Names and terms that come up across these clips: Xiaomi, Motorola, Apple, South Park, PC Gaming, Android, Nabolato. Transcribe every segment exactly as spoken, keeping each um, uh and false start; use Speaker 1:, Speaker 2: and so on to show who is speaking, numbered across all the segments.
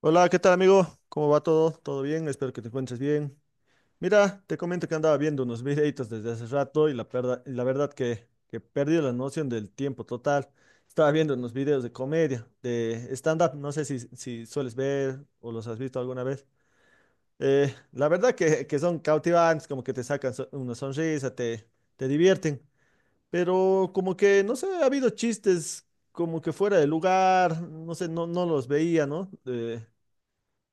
Speaker 1: Hola, ¿qué tal amigo? ¿Cómo va todo? ¿Todo bien? Espero que te encuentres bien. Mira, te comento que andaba viendo unos videitos desde hace rato y la verdad, la verdad que, que perdí la noción del tiempo total. Estaba viendo unos videos de comedia, de stand-up, no sé si, si sueles ver o los has visto alguna vez. Eh, la verdad que, que son cautivantes, como que te sacan so- una sonrisa, te, te divierten, pero como que, no sé, ha habido chistes como que fuera de lugar, no sé, no, no los veía, ¿no? Eh,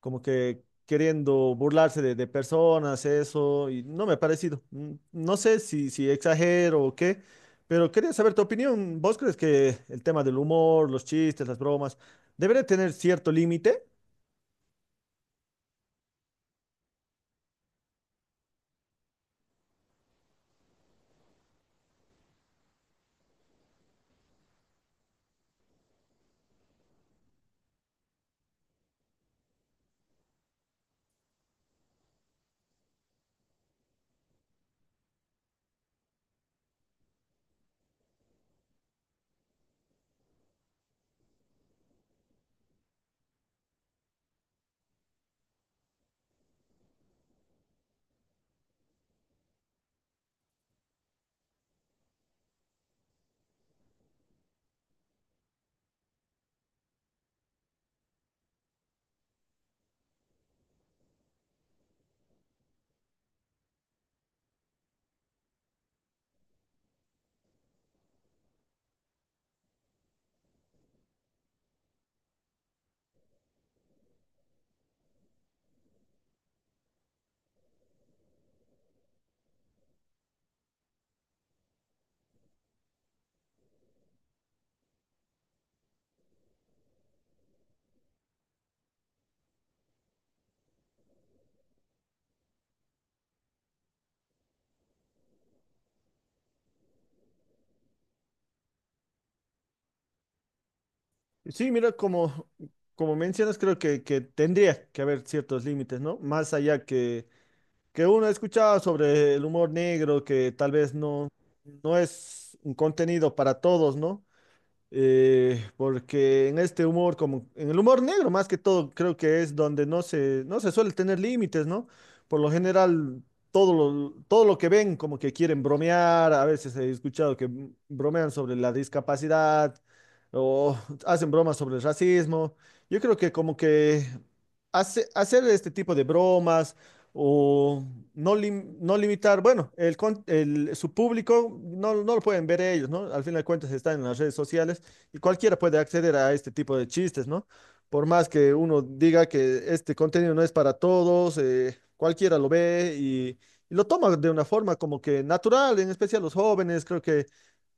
Speaker 1: Como que queriendo burlarse de, de personas, eso, y no me ha parecido. Mm, No sé si, si exagero o qué, pero quería saber tu opinión. ¿Vos crees que el tema del humor, los chistes, las bromas, debería tener cierto límite? Sí, mira, como, como mencionas, creo que, que tendría que haber ciertos límites, ¿no? Más allá que, que uno ha escuchado sobre el humor negro, que tal vez no, no es un contenido para todos, ¿no? Eh, porque en este humor, como en el humor negro más que todo, creo que es donde no se, no se suele tener límites, ¿no? Por lo general, todo lo, todo lo que ven, como que quieren bromear, a veces he escuchado que m- bromean sobre la discapacidad o hacen bromas sobre el racismo. Yo creo que como que hace- hacer este tipo de bromas o no, lim- no limitar, bueno, el, con- el- su público no, no lo pueden ver ellos, ¿no? Al fin de cuentas están en las redes sociales y cualquiera puede acceder a este tipo de chistes, ¿no? Por más que uno diga que este contenido no es para todos, eh, cualquiera lo ve y, y lo toma de una forma como que natural, en especial los jóvenes, creo que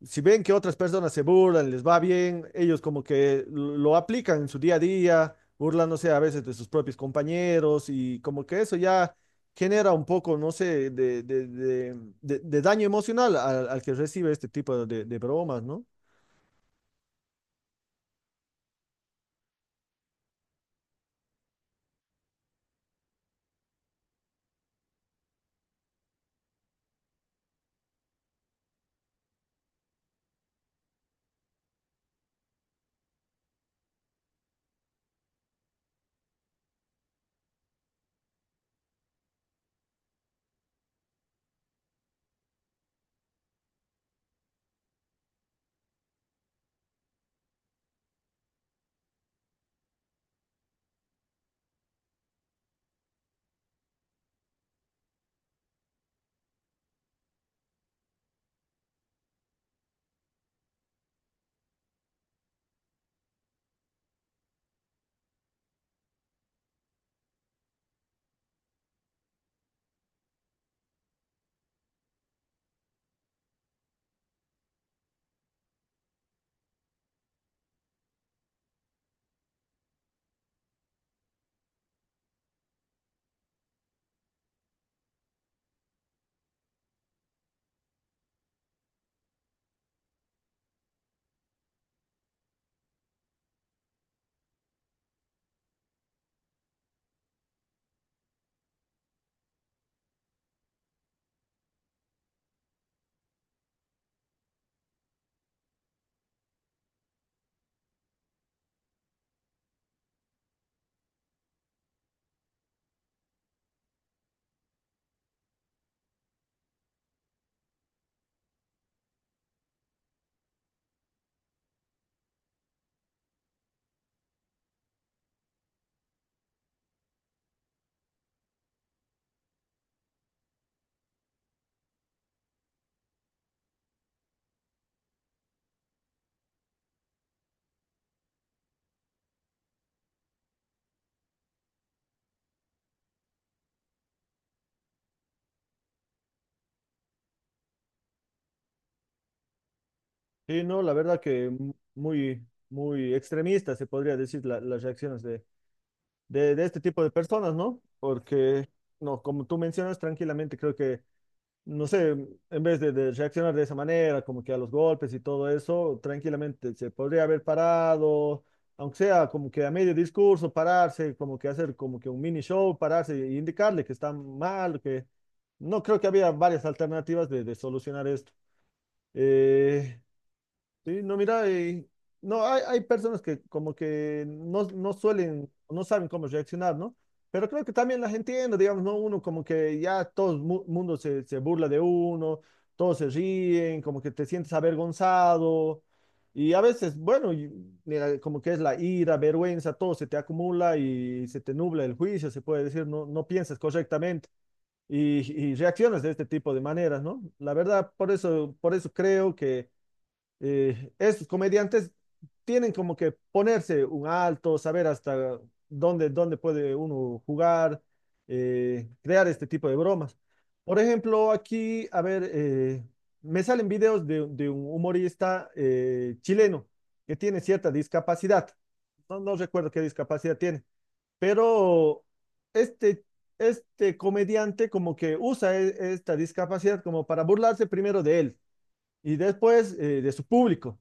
Speaker 1: si ven que otras personas se burlan, les va bien, ellos como que lo aplican en su día a día, burlándose a veces de sus propios compañeros y como que eso ya genera un poco, no sé, de, de, de, de- de daño emocional al, al que recibe este tipo de, de bromas, ¿no? Sí, no, la verdad que mu- muy, muy extremista se podría decir la- las reacciones de, de, de este tipo de personas, ¿no? Porque, no, como tú mencionas tranquilamente, creo que, no sé, en vez de, de reaccionar de esa manera, como que a los golpes y todo eso, tranquilamente se podría haber parado, aunque sea como que a medio discurso, pararse, como que hacer como que un mini show, pararse e indicarle que está mal, que no creo que había varias alternativas de, de solucionar esto. Eh, Sí, no, mira, eh, no, hay, hay personas que como que no, no suelen, no saben cómo reaccionar, ¿no? Pero creo que también las entiendo, digamos, ¿no? Uno como que ya todo el mu- mundo se, se burla de uno, todos se ríen, como que te sientes avergonzado. Y a veces, bueno, y- mira, como que es la ira, vergüenza, todo se te acumula y se te nubla el juicio, se puede decir, no, no piensas correctamente y, y reaccionas de este tipo de maneras, ¿no? La verdad, por eso, por eso creo que eh, estos comediantes tienen como que ponerse un alto, saber hasta dónde, dónde puede uno jugar, eh, crear este tipo de bromas. Por ejemplo, aquí, a ver, eh, me salen videos de, de un humorista eh, chileno que tiene cierta discapacidad. No, no recuerdo qué discapacidad tiene, pero este, este comediante como que usa e- esta discapacidad como para burlarse primero de él y después eh, de su público.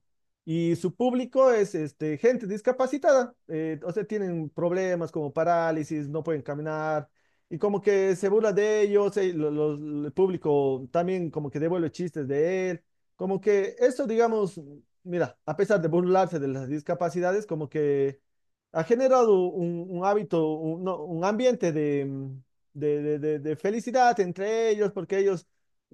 Speaker 1: Y su público es este, gente discapacitada, eh, o sea, tienen problemas como parálisis, no pueden caminar, y como que se burla de ellos, eh, lo- lo- el público también como que devuelve chistes de él, como que eso, digamos, mira, a pesar de burlarse de las discapacidades, como que ha generado un, un hábito, un, no, un ambiente de, mm, de, de de- de felicidad entre ellos, porque ellos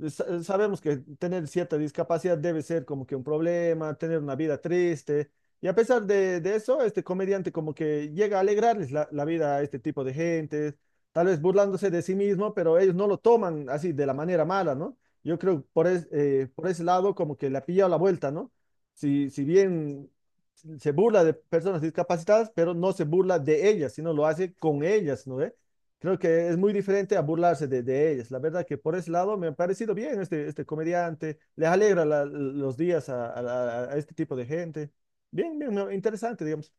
Speaker 1: sa- eh, sabemos que tener cierta discapacidad debe ser como que un problema, tener una vida triste. Y a pesar de, de eso, este comediante como que llega a alegrarles la, la vida a este tipo de gente, tal vez burlándose de sí mismo, pero ellos no lo toman así de la manera mala, ¿no? Yo creo por, es- eh, por ese lado como que le ha pillado la vuelta, ¿no? Si, si bien se burla de personas discapacitadas, pero no se burla de ellas, sino lo hace con ellas, ¿no ve? Creo que es muy diferente a burlarse de, de ellas. La verdad que por ese lado me ha parecido bien este, este comediante. Les alegra la- los días a, a- a este tipo de gente. Bien, bien, no, interesante, digamos.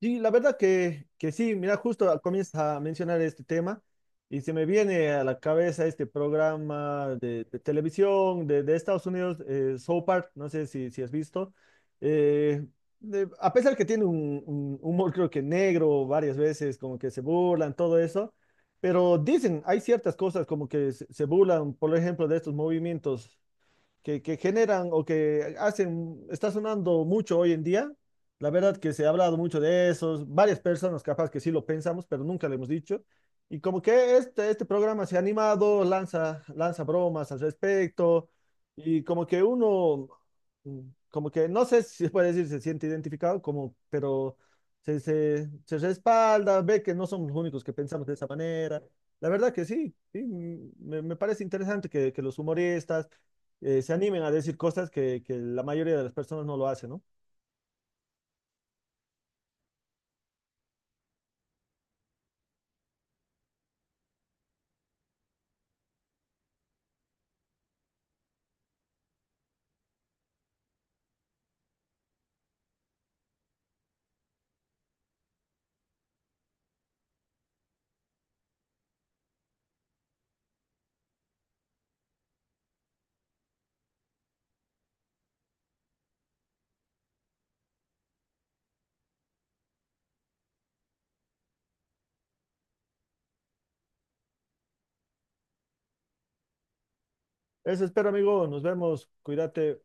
Speaker 1: Sí, la verdad que, que sí, mira, justo a- comienzas a mencionar este tema y se me viene a la cabeza este programa de, de televisión de, de Estados Unidos, eh, South Park, no sé si, si has visto. Eh, de- a pesar que tiene un, un humor creo que negro varias veces, como que se burlan, todo eso, pero dicen, hay ciertas cosas como que se, se burlan, por ejemplo, de estos movimientos que, que generan o que hacen, está sonando mucho hoy en día. La verdad que se ha hablado mucho de eso, varias personas capaz que sí lo pensamos, pero nunca lo hemos dicho. Y como que este, este programa se ha animado, lanza, lanza bromas al respecto, y como que uno, mm, como que no sé si se puede decir, se siente identificado, como, pero se, se, se respalda, ve que no somos los únicos que pensamos de esa manera. La verdad que sí, sí, mm, me, me parece interesante que, que los humoristas eh, se animen a decir cosas que, que la mayoría de las personas no lo hacen, ¿no? Eso espero, amigo. Nos vemos. Cuídate.